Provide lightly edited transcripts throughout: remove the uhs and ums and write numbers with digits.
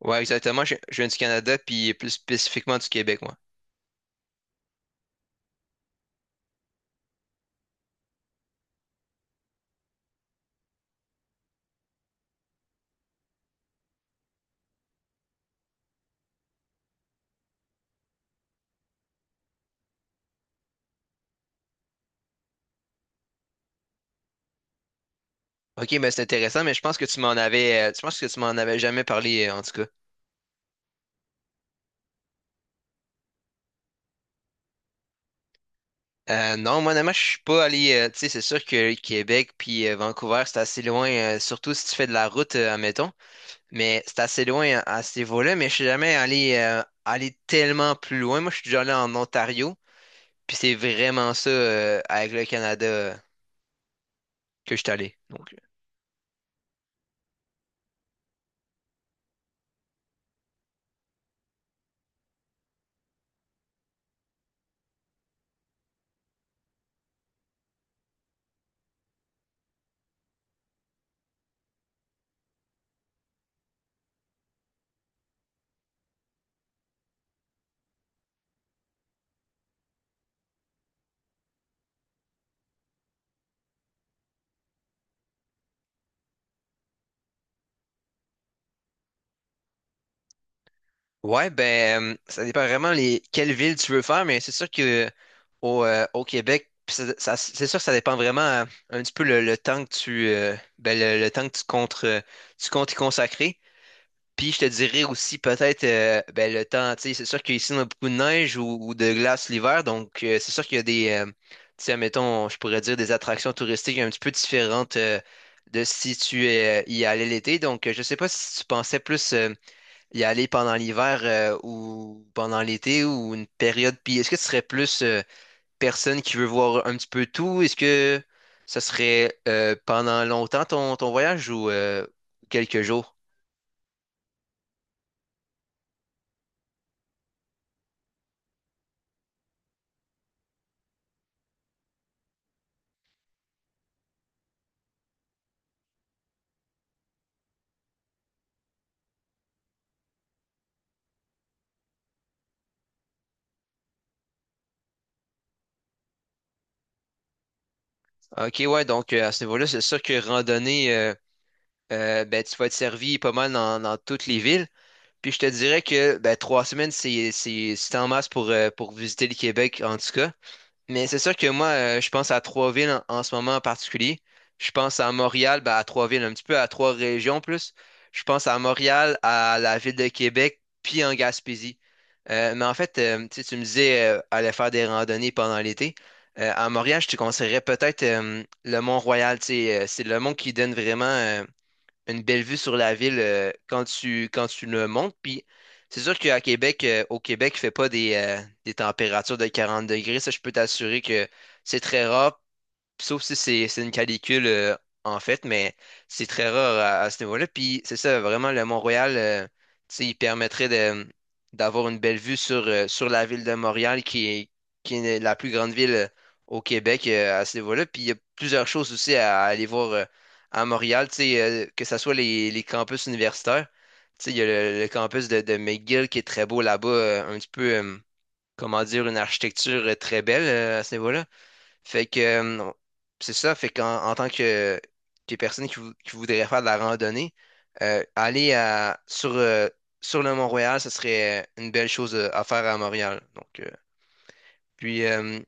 Ouais, exactement. Je viens du Canada, puis plus spécifiquement du Québec, moi. Ok, mais c'est intéressant, mais je pense que tu m'en avais jamais parlé, en tout cas. Non, moi, honnêtement, je suis pas allé, tu sais, c'est sûr que Québec puis Vancouver, c'est assez loin, surtout si tu fais de la route, admettons, mais c'est assez loin à ce niveau-là, mais je suis jamais allé tellement plus loin. Moi, je suis déjà allé en Ontario, puis c'est vraiment ça, avec le Canada, que je suis allé. Donc, ouais, ben, ça dépend vraiment les quelle ville tu veux faire, mais c'est sûr que au Québec, pis c'est sûr que ça dépend vraiment un petit peu le temps que tu ben, le temps que tu comptes y consacrer. Puis je te dirais aussi peut-être ben, le temps, tu sais, c'est sûr qu'ici on a beaucoup de neige ou de glace l'hiver, donc c'est sûr qu'il y a des tu sais, mettons, je pourrais dire des attractions touristiques un petit peu différentes de si tu y allais l'été. Donc je sais pas si tu pensais plus y aller pendant l'hiver ou pendant l'été ou une période? Puis est-ce que tu serais plus personne qui veut voir un petit peu tout? Est-ce que ça serait pendant longtemps ton voyage ou quelques jours? Ok, ouais, donc à ce niveau-là, c'est sûr que randonnée, ben, tu vas être servi pas mal dans toutes les villes. Puis je te dirais que ben, 3 semaines, c'est en masse pour visiter le Québec, en tout cas. Mais c'est sûr que moi, je pense à trois villes en ce moment en particulier. Je pense à Montréal, ben, à trois villes, un petit peu à trois régions plus. Je pense à Montréal, à la ville de Québec, puis en Gaspésie. Mais en fait, tu sais, tu me disais aller faire des randonnées pendant l'été. À Montréal, je te conseillerais peut-être le Mont-Royal. Tu sais, c'est le mont qui donne vraiment une belle vue sur la ville quand tu le montes. Puis c'est sûr qu'à Québec, au Québec, il fait pas des températures de 40 degrés. Ça, je peux t'assurer que c'est très rare. Sauf si c'est une canicule, en fait, mais c'est très rare à ce niveau-là. Puis c'est ça, vraiment, le Mont-Royal, tu sais, il permettrait d'avoir une belle vue sur la ville de Montréal, qui est la plus grande ville au Québec, à ce niveau-là. Puis il y a plusieurs choses aussi à aller voir, à Montréal, tu sais, que ce soit les campus universitaires. Tu sais, il y a le campus de McGill qui est très beau là-bas, un petit peu, comment dire, une architecture très belle, à ce niveau-là. Fait que c'est ça, fait qu'en en tant que personne qui voudrait faire de la randonnée, aller sur le Mont-Royal, ce serait une belle chose à faire à Montréal. Donc, puis,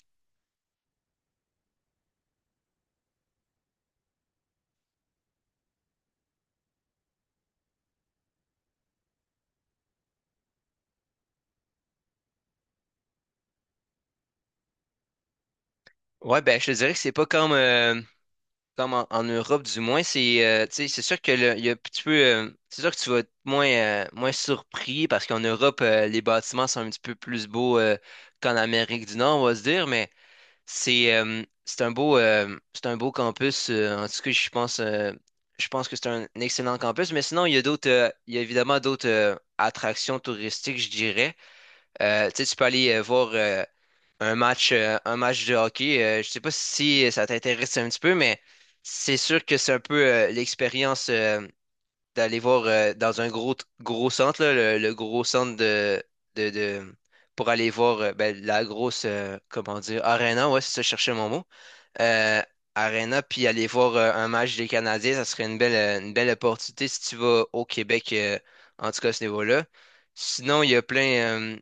ouais, ben, je te dirais que c'est pas comme en Europe, du moins. C'est tu sais, c'est sûr que il y a un petit peu, c'est sûr que tu vas être moins surpris parce qu'en Europe, les bâtiments sont un petit peu plus beaux qu'en Amérique du Nord, on va se dire, mais. C'est un beau campus. En tout cas, je pense que c'est un excellent campus. Mais sinon, il y a évidemment d'autres attractions touristiques, je dirais. Tu sais, tu peux aller voir un match de hockey. Je sais pas si ça t'intéresse un petit peu, mais c'est sûr que c'est un peu l'expérience. D'aller voir dans un gros, gros centre, là, le gros centre de, de- pour aller voir ben, la grosse, comment dire, Arena, ouais, c'est ça, je cherchais mon mot. Euh, Arena, puis aller voir un match des Canadiens, ça serait une belle opportunité si tu vas au Québec, en tout cas à ce niveau-là. Sinon, il y a plein.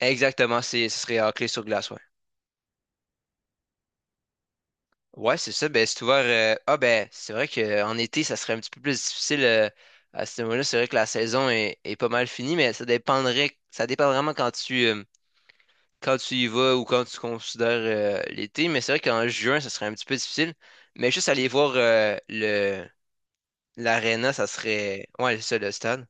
Exactement, ce serait hockey sur glace, ouais. Ouais, c'est ça. Ben, c'est ouvert. Ah, ben, c'est vrai qu'en été, ça serait un petit peu plus difficile à ce moment-là. C'est vrai que la saison est pas mal finie, mais ça dépendrait. Ça dépend vraiment quand tu y vas ou quand tu considères l'été. Mais c'est vrai qu'en juin, ça serait un petit peu difficile. Mais juste aller voir l'aréna, ça serait. Ouais, c'est ça, le stade.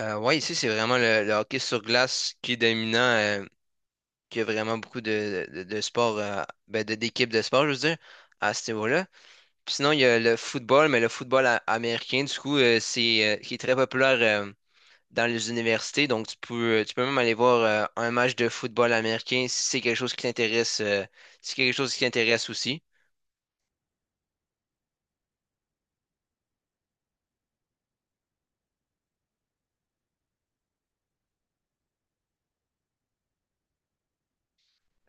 Ouais, ici, c'est vraiment le hockey sur glace qui est dominant, qui a vraiment beaucoup de sports, ben, d'équipes de sport, je veux dire, à ce niveau-là. Puis sinon, il y a le football, mais le football américain, du coup, qui est très populaire. Dans les universités. Donc, tu peux même aller voir un match de football américain si c'est quelque chose qui t'intéresse, si c'est quelque chose qui t'intéresse aussi.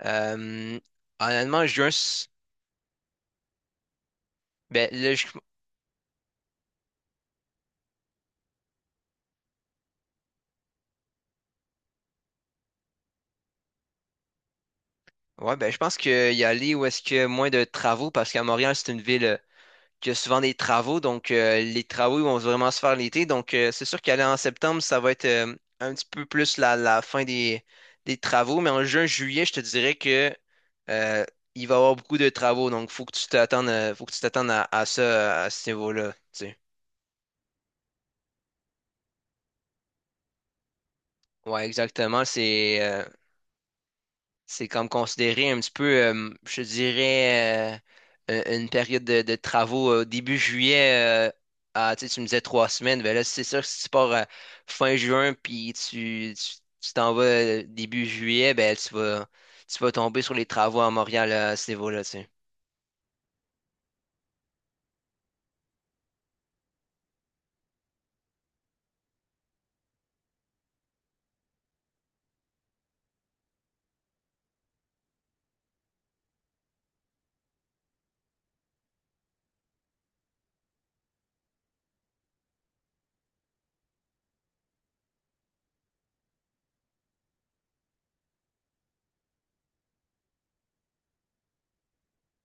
Euh, Honnêtement, je ben, là, je, ouais, ben, je pense qu'il y a aller où est-ce qu'il y a moins de travaux parce qu'à Montréal, c'est une ville qu'il y a souvent des travaux. Donc, les travaux ils vont vraiment se faire l'été. Donc, c'est sûr qu'aller en septembre, ça va être un petit peu plus la fin des travaux. Mais en juin, juillet, je te dirais que euh, il va y avoir beaucoup de travaux. Donc, faut que tu t'attendes, faut que tu t'attendes à ça, à ce niveau-là. Tu sais. Ouais, exactement. C'est comme considéré un petit peu, je dirais, une période de travaux début juillet. À, tu sais, tu me disais 3 semaines. Ben là, c'est sûr que si tu pars à fin juin puis tu t'en vas début juillet, ben tu vas tomber sur les travaux à Montréal à ce niveau-là, tu sais.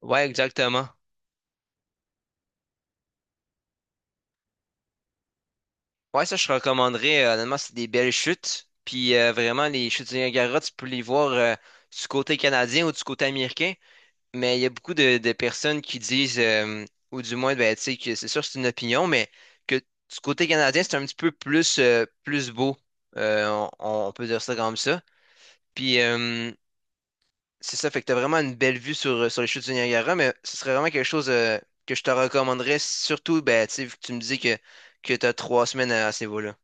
Ouais, exactement. Ouais, ça, je recommanderais. Honnêtement, c'est des belles chutes. Puis vraiment, les chutes du Niagara, tu peux les voir du côté canadien ou du côté américain. Mais il y a beaucoup de personnes qui disent, ou du moins, ben, tu sais, que c'est sûr, c'est une opinion, mais que du côté canadien, c'est un petit peu plus beau. On peut dire ça comme ça. Puis, c'est ça, fait que t'as vraiment une belle vue sur les chutes du Niagara, mais ce serait vraiment quelque chose, que je te recommanderais, surtout, ben, tu sais, vu que tu me dis que t'as 3 semaines à ce niveau-là.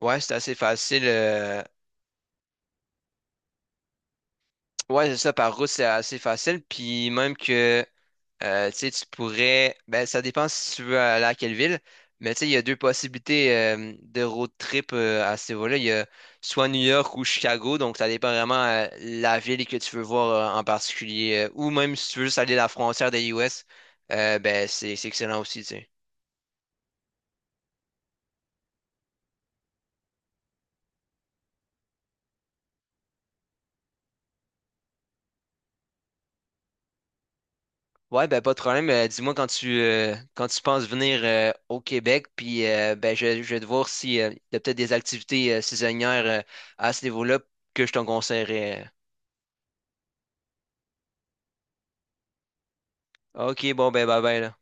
Ouais, c'est assez facile. Ouais, c'est ça, par route, c'est assez facile. Puis, même que. Tu sais, tu pourrais. Ben, ça dépend si tu veux aller à quelle ville. Mais tu sais, il y a deux possibilités de road trip à ce niveau-là. Il y a soit New York ou Chicago. Donc, ça dépend vraiment la ville que tu veux voir en particulier. Ou même si tu veux juste aller à la frontière des US, ben, c'est excellent aussi, tu sais. Ouais, ben, pas de problème. Dis-moi quand tu penses venir au Québec. Puis, ben, je vais te voir si, il y a peut-être des activités saisonnières à ce niveau-là que je te conseillerais. Ok, bon, ben bye bye là.